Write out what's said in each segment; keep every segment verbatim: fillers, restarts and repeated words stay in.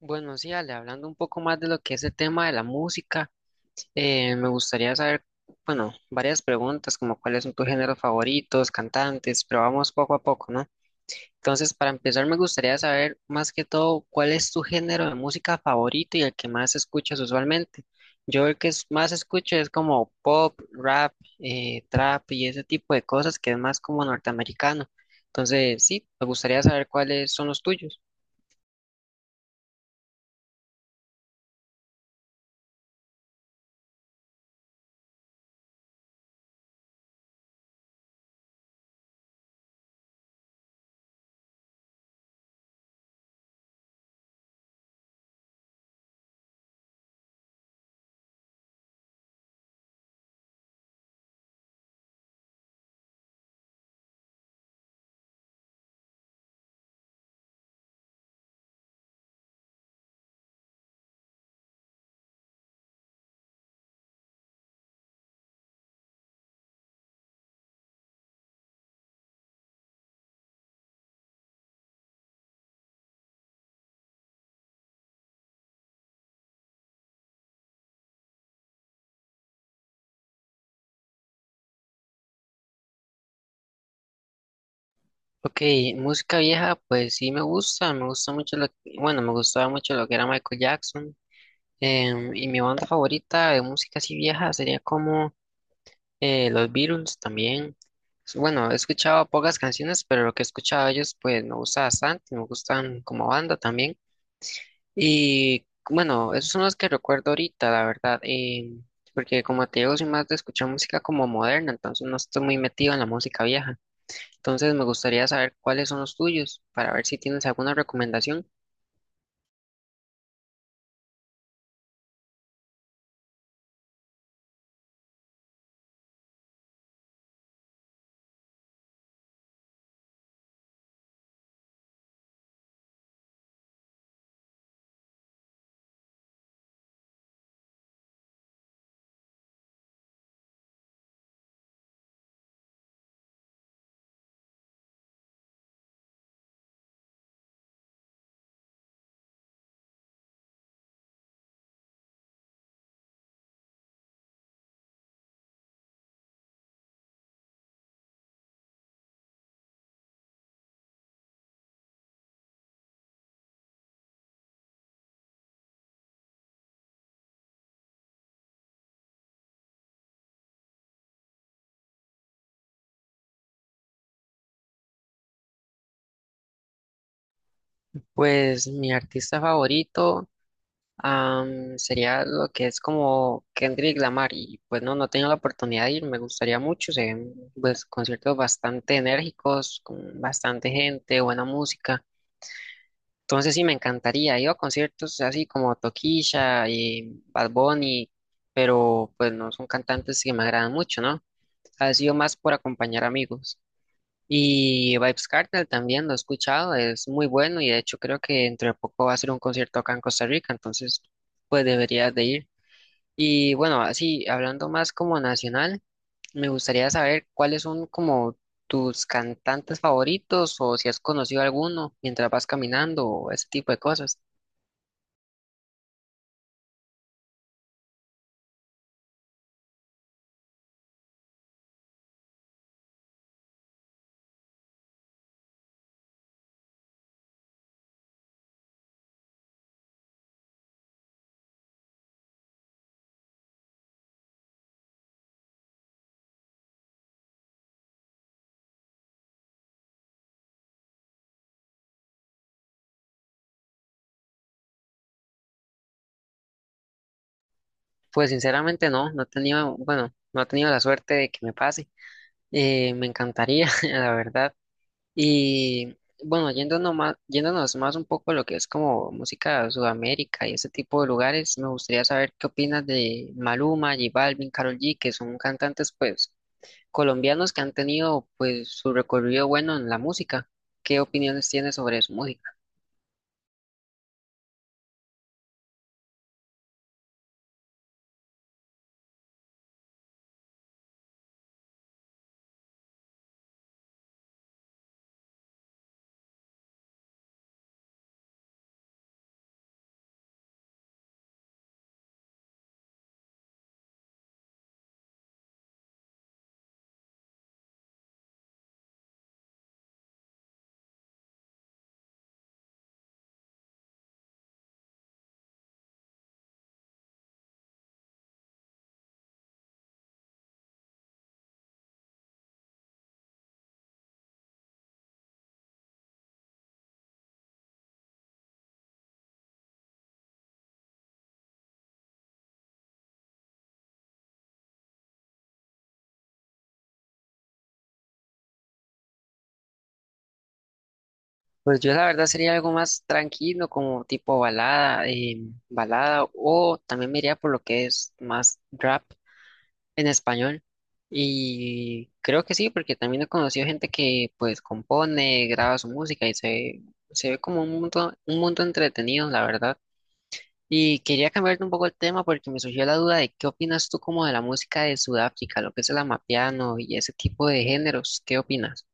Bueno, sí, Ale, hablando un poco más de lo que es el tema de la música, eh, me gustaría saber, bueno, varias preguntas como cuáles son tus géneros favoritos, cantantes, pero vamos poco a poco, ¿no? Entonces, para empezar, me gustaría saber más que todo cuál es tu género de música favorito y el que más escuchas usualmente. Yo el que es- más escucho es como pop, rap, eh, trap y ese tipo de cosas que es más como norteamericano. Entonces, sí, me gustaría saber cuáles son los tuyos. Ok, música vieja, pues sí me gusta, me gusta mucho lo que- bueno, me gustaba mucho lo que era Michael Jackson, em, y mi banda favorita de música así vieja sería como eh, los Beatles también. S- Bueno, he escuchado pocas canciones, pero lo que he escuchado de ellos pues me gusta bastante, me gustan como banda también. Y bueno, esos son los que recuerdo ahorita, la verdad, em, porque como te digo, soy más de escuchar música como moderna, entonces no estoy muy metido en la música vieja. Entonces me gustaría saber cuáles son los tuyos para ver si tienes alguna recomendación. Pues mi artista favorito am, sería lo que es como Kendrick Lamar y pues no, no he tenido la oportunidad de ir, me gustaría mucho, se ven, pues conciertos bastante enérgicos, con bastante gente, buena música. Entonces sí, me encantaría, ir a conciertos así como Tokisha y Bad Bunny, pero pues no son cantantes que me agradan mucho, ¿no? Ha sido más por acompañar amigos. Y Vibes Cartel también lo he escuchado, es muy bueno y de hecho creo que entre poco va a ser un concierto acá en Costa Rica, entonces pues deberías de ir. Y bueno, así hablando más como nacional, me gustaría saber cuáles son como tus cantantes favoritos o si has conocido alguno mientras vas caminando o ese tipo de cosas. Pues sinceramente no, no he tenido, bueno, no he tenido la suerte de que me pase. Eh, me encantaría, la verdad. Y bueno, yéndonos más, yéndonos más un poco a lo que es como música de Sudamérica y ese tipo de lugares, me gustaría saber qué opinas de Maluma, J Balvin, Karol G, que son cantantes pues colombianos que han tenido pues su recorrido bueno en la música. ¿Qué opiniones tienes sobre su música? Pues yo la verdad sería algo más tranquilo, como tipo balada, eh, balada, o también me iría por lo que es más rap, en español. Y creo que sí, porque también he conocido gente que pues compone, graba su música y se, se ve como un mundo, un mundo entretenido, la verdad. Y quería cambiarte un poco el tema porque me surgió la duda de qué opinas tú como de la música de Sudáfrica, lo que es el amapiano y ese tipo de géneros, ¿qué opinas?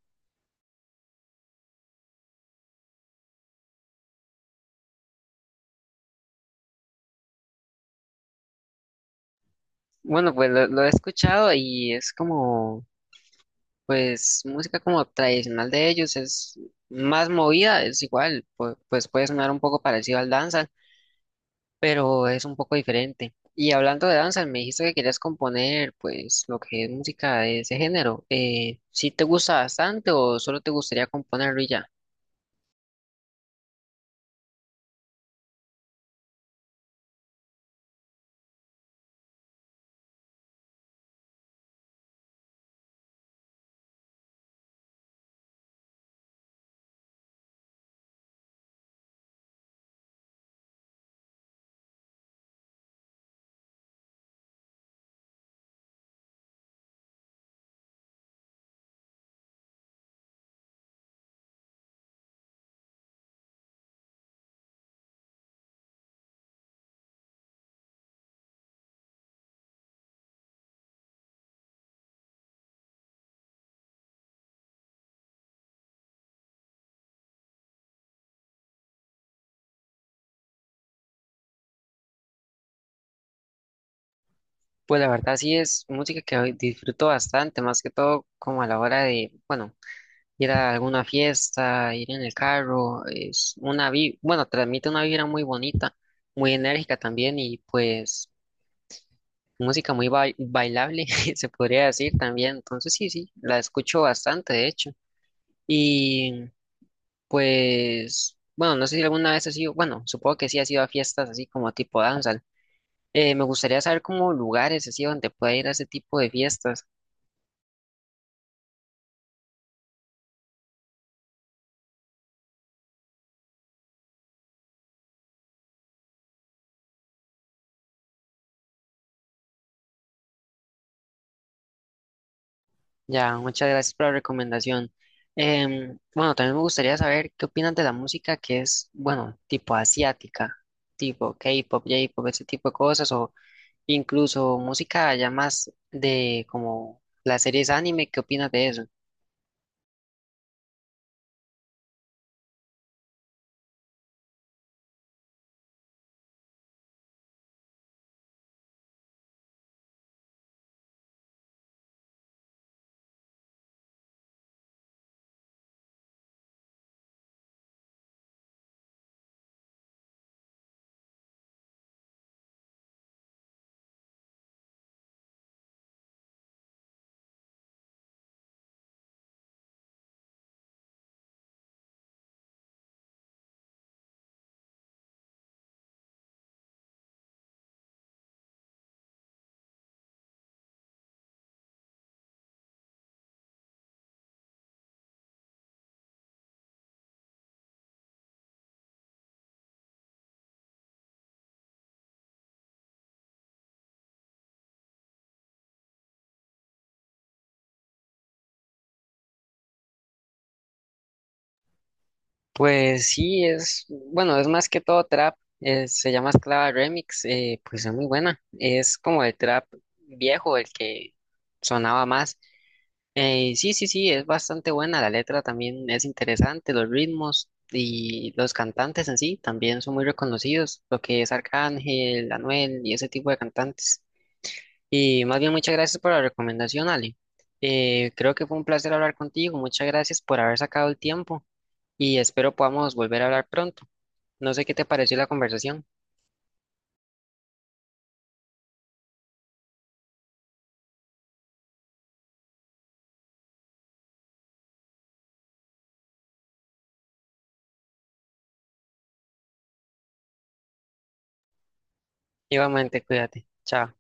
Bueno, pues lo, lo he escuchado y es como, pues música como tradicional de ellos, es más movida, es igual, pues, pues puede sonar un poco parecido al danza pero es un poco diferente. Y hablando de danza, me dijiste que querías componer, pues, lo que es música de ese género. Eh, ¿sí te gusta bastante o solo te gustaría componerlo y ya? Pues la verdad sí es música que hoy disfruto bastante, más que todo como a la hora de, bueno, ir a alguna fiesta, ir en el carro, es una vi, bueno, transmite una vibra muy bonita, muy enérgica también y pues música muy bai- bailable, se podría decir también. Entonces sí, sí, la escucho bastante, de hecho. Y pues, bueno, no sé si alguna vez has ido, bueno, supongo que sí has ido a fiestas así como tipo danza. Eh, me gustaría saber como lugares así donde pueda ir a ese tipo de fiestas. Ya, muchas gracias por la recomendación. Em, bueno, también me gustaría saber qué opinan de la música que es, bueno, tipo asiática, tipo K-pop, J-pop, ese tipo de cosas, o incluso música ya más de como las series anime, ¿qué opinas de eso? Pues sí, es, bueno, es más que todo trap, eh, se llama Esclava Remix, eh, pues es muy buena, es como el trap viejo, el que sonaba más. Eh, sí, sí, sí, es bastante buena, la letra también es interesante, los ritmos y los cantantes en sí también son muy reconocidos, lo que es Arcángel, Anuel y ese tipo de cantantes. Y más bien muchas gracias por la recomendación, Ale. Eh, creo que fue un placer hablar contigo, muchas gracias por haber sacado el tiempo y espero podamos volver a hablar pronto. No sé qué te pareció la conversación. Igualmente, cuídate. Chao.